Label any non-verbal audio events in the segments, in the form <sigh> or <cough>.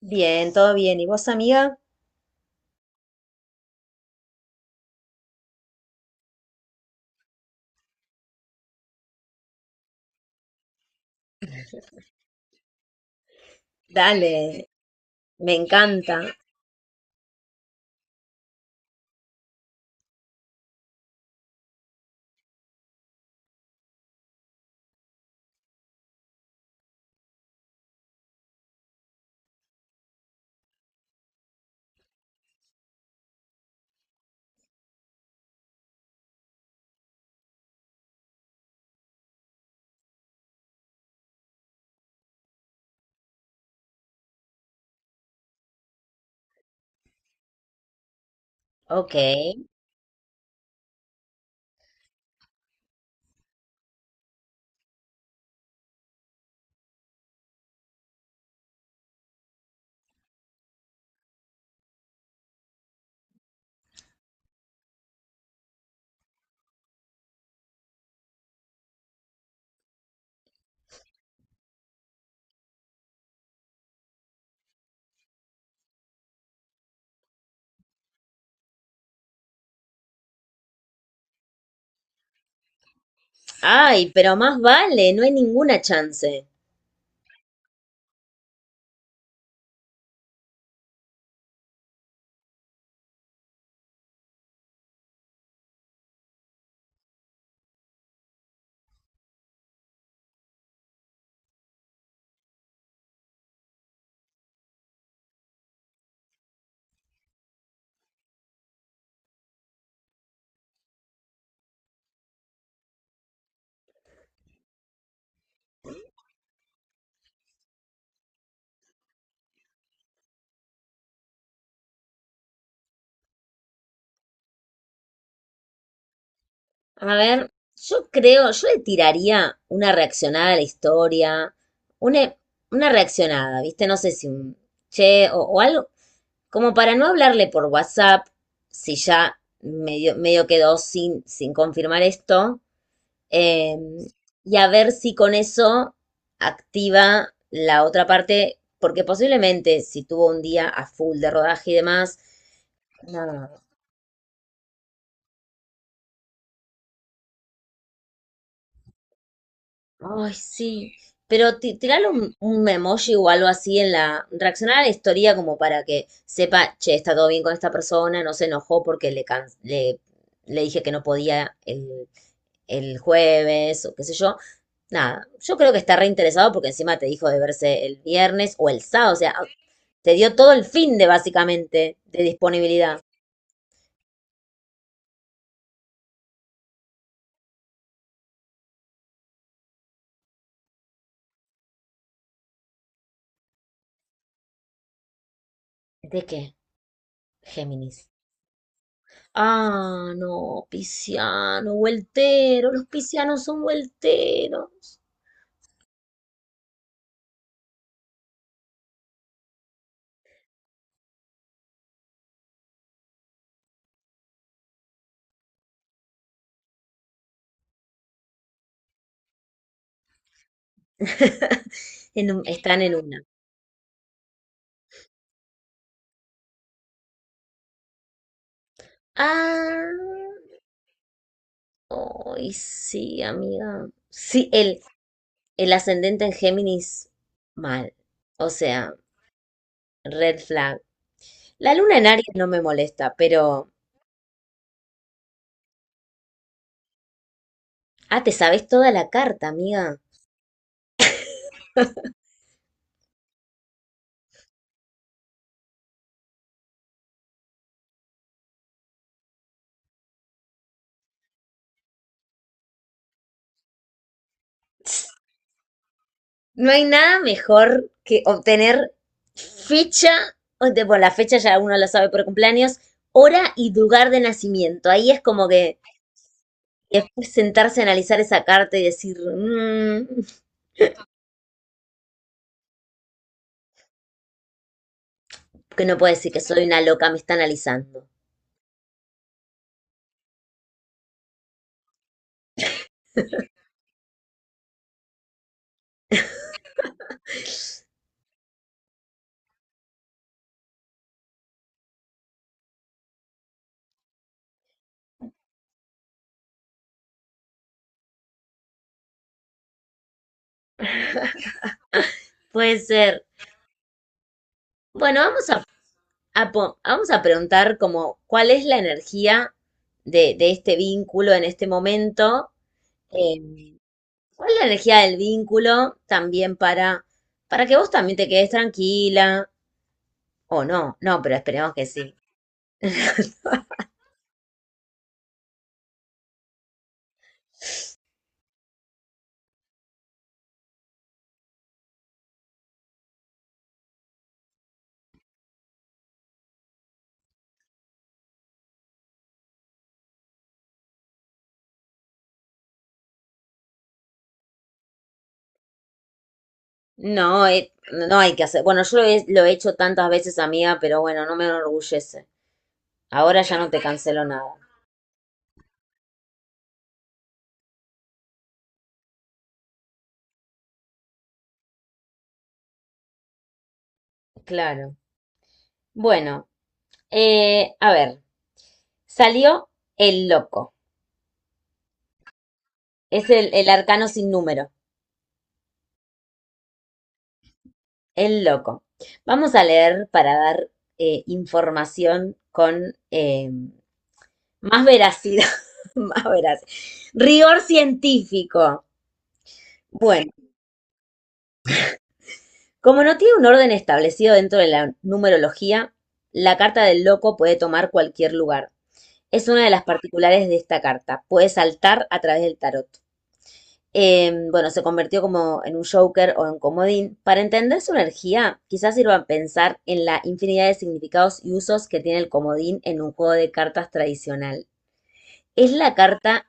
Bien, todo bien. ¿Y vos, amiga? Dale, me encanta. Ok. Ay, pero más vale, no hay ninguna chance. A ver, yo creo, yo le tiraría una reaccionada a la historia, una, una reaccionada, ¿viste? No sé si un che o algo, como para no hablarle por WhatsApp, si ya medio, medio quedó sin, sin confirmar esto. eh, y a ver si con eso activa la otra parte, porque posiblemente si tuvo un día a full de rodaje y demás, nada, ay, sí, pero tirarle un emoji o algo así en la, reaccionar a la historia como para que sepa, che, está todo bien con esta persona, no se enojó porque le, le, le dije que no podía el jueves o qué sé yo. Nada, yo creo que está reinteresado porque encima te dijo de verse el viernes o el sábado, o sea, se dio todo el fin de básicamente de disponibilidad. ¿De qué? Géminis. Ah, no, pisciano, vueltero. Los piscianos son vuelteros. <laughs> Están en una. Ah, ay, sí, amiga. Sí, el ascendente en Géminis, mal. O sea, red flag. La luna en Aries no me molesta, pero... Ah, te sabes toda la carta, amiga. No hay nada mejor que obtener fecha, bueno, la fecha ya uno la sabe por cumpleaños, hora y lugar de nacimiento. Ahí es como que después sentarse a analizar esa carta y decir, "Mm, que no puede decir que soy una loca, me está analizando". Puede ser. Bueno, vamos a preguntar como cuál es la energía de este vínculo en este momento. eh, ¿Cuál es la energía del vínculo también para que vos también te quedes tranquila? O no, no, pero esperemos que sí. No, no hay que hacer. Bueno, yo lo he hecho tantas veces, amiga, pero bueno, no me enorgullece. Ahora ya no te cancelo nada. Claro. Bueno, a ver, salió el loco. Es el arcano sin número. El loco. Vamos a leer para dar información con más veracidad, <laughs> más veracidad. Rigor científico. Bueno, como no tiene un orden establecido dentro de la numerología, la carta del loco puede tomar cualquier lugar. Es una de las particulares de esta carta. Puede saltar a través del tarot. Bueno, se convirtió como en un joker o en comodín. Para entender su energía, quizás sirva pensar en la infinidad de significados y usos que tiene el comodín en un juego de cartas tradicional. Es la carta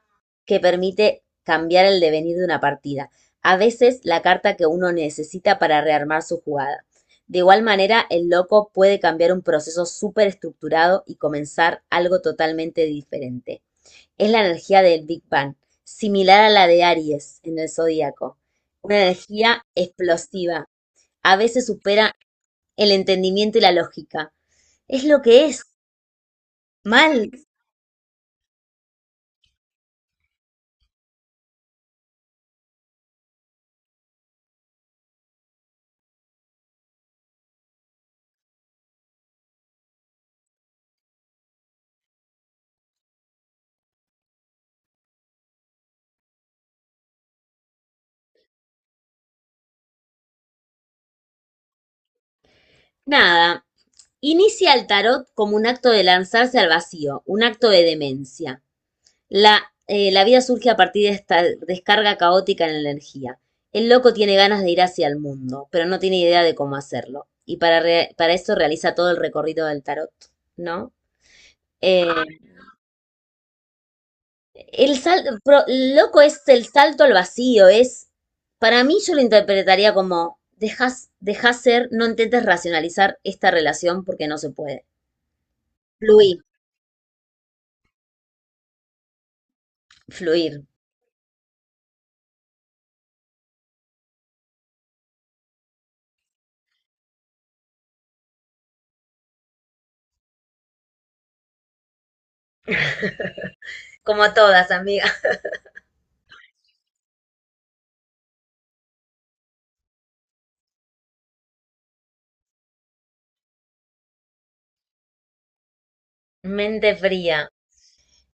que permite cambiar el devenir de una partida. A veces la carta que uno necesita para rearmar su jugada. De igual manera, el loco puede cambiar un proceso súper estructurado y comenzar algo totalmente diferente. Es la energía del Big Bang, similar a la de Aries en el zodíaco. Una energía explosiva. A veces supera el entendimiento y la lógica. Es lo que es. Mal. Nada. Inicia el tarot como un acto de lanzarse al vacío, un acto de demencia. La, la vida surge a partir de esta descarga caótica en la energía. El loco tiene ganas de ir hacia el mundo, pero no tiene idea de cómo hacerlo. Y para, para eso realiza todo el recorrido del tarot, ¿no? Eh, el loco es el salto al vacío, es, para mí yo lo interpretaría como, dejas, dejas ser, no intentes racionalizar esta relación porque no se puede. Fluir, fluir. Como todas, amiga. Mente fría.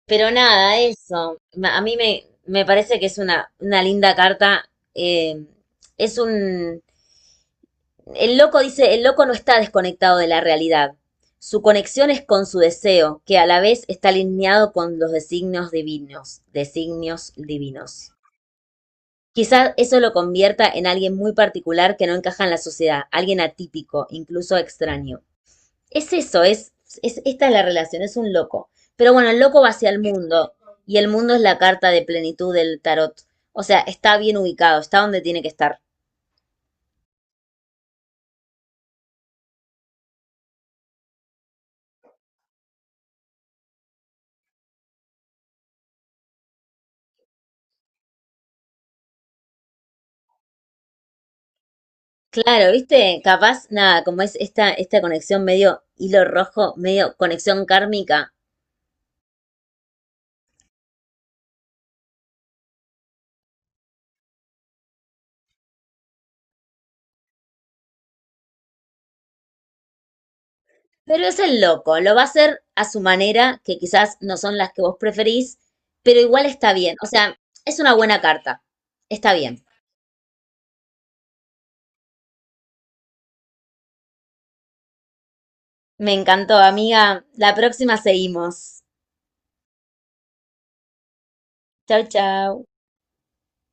Pero nada, eso. A mí me, me parece que es una linda carta. eh, es un... El loco dice, el loco no está desconectado de la realidad. Su conexión es con su deseo, que a la vez está alineado con los designios divinos. Designios divinos. Quizás eso lo convierta en alguien muy particular que no encaja en la sociedad, alguien atípico, incluso extraño. Es eso, es, esta es la relación, es un loco. Pero bueno, el loco va hacia el mundo y el mundo es la carta de plenitud del tarot. O sea, está bien ubicado, está donde tiene que estar. Claro, ¿viste? Capaz, nada, como es esta, esta conexión medio hilo rojo, medio conexión kármica. Pero es el loco, lo va a hacer a su manera, que quizás no son las que vos preferís, pero igual está bien. O sea, es una buena carta. Está bien. Me encantó, amiga. La próxima seguimos. Chau, chau.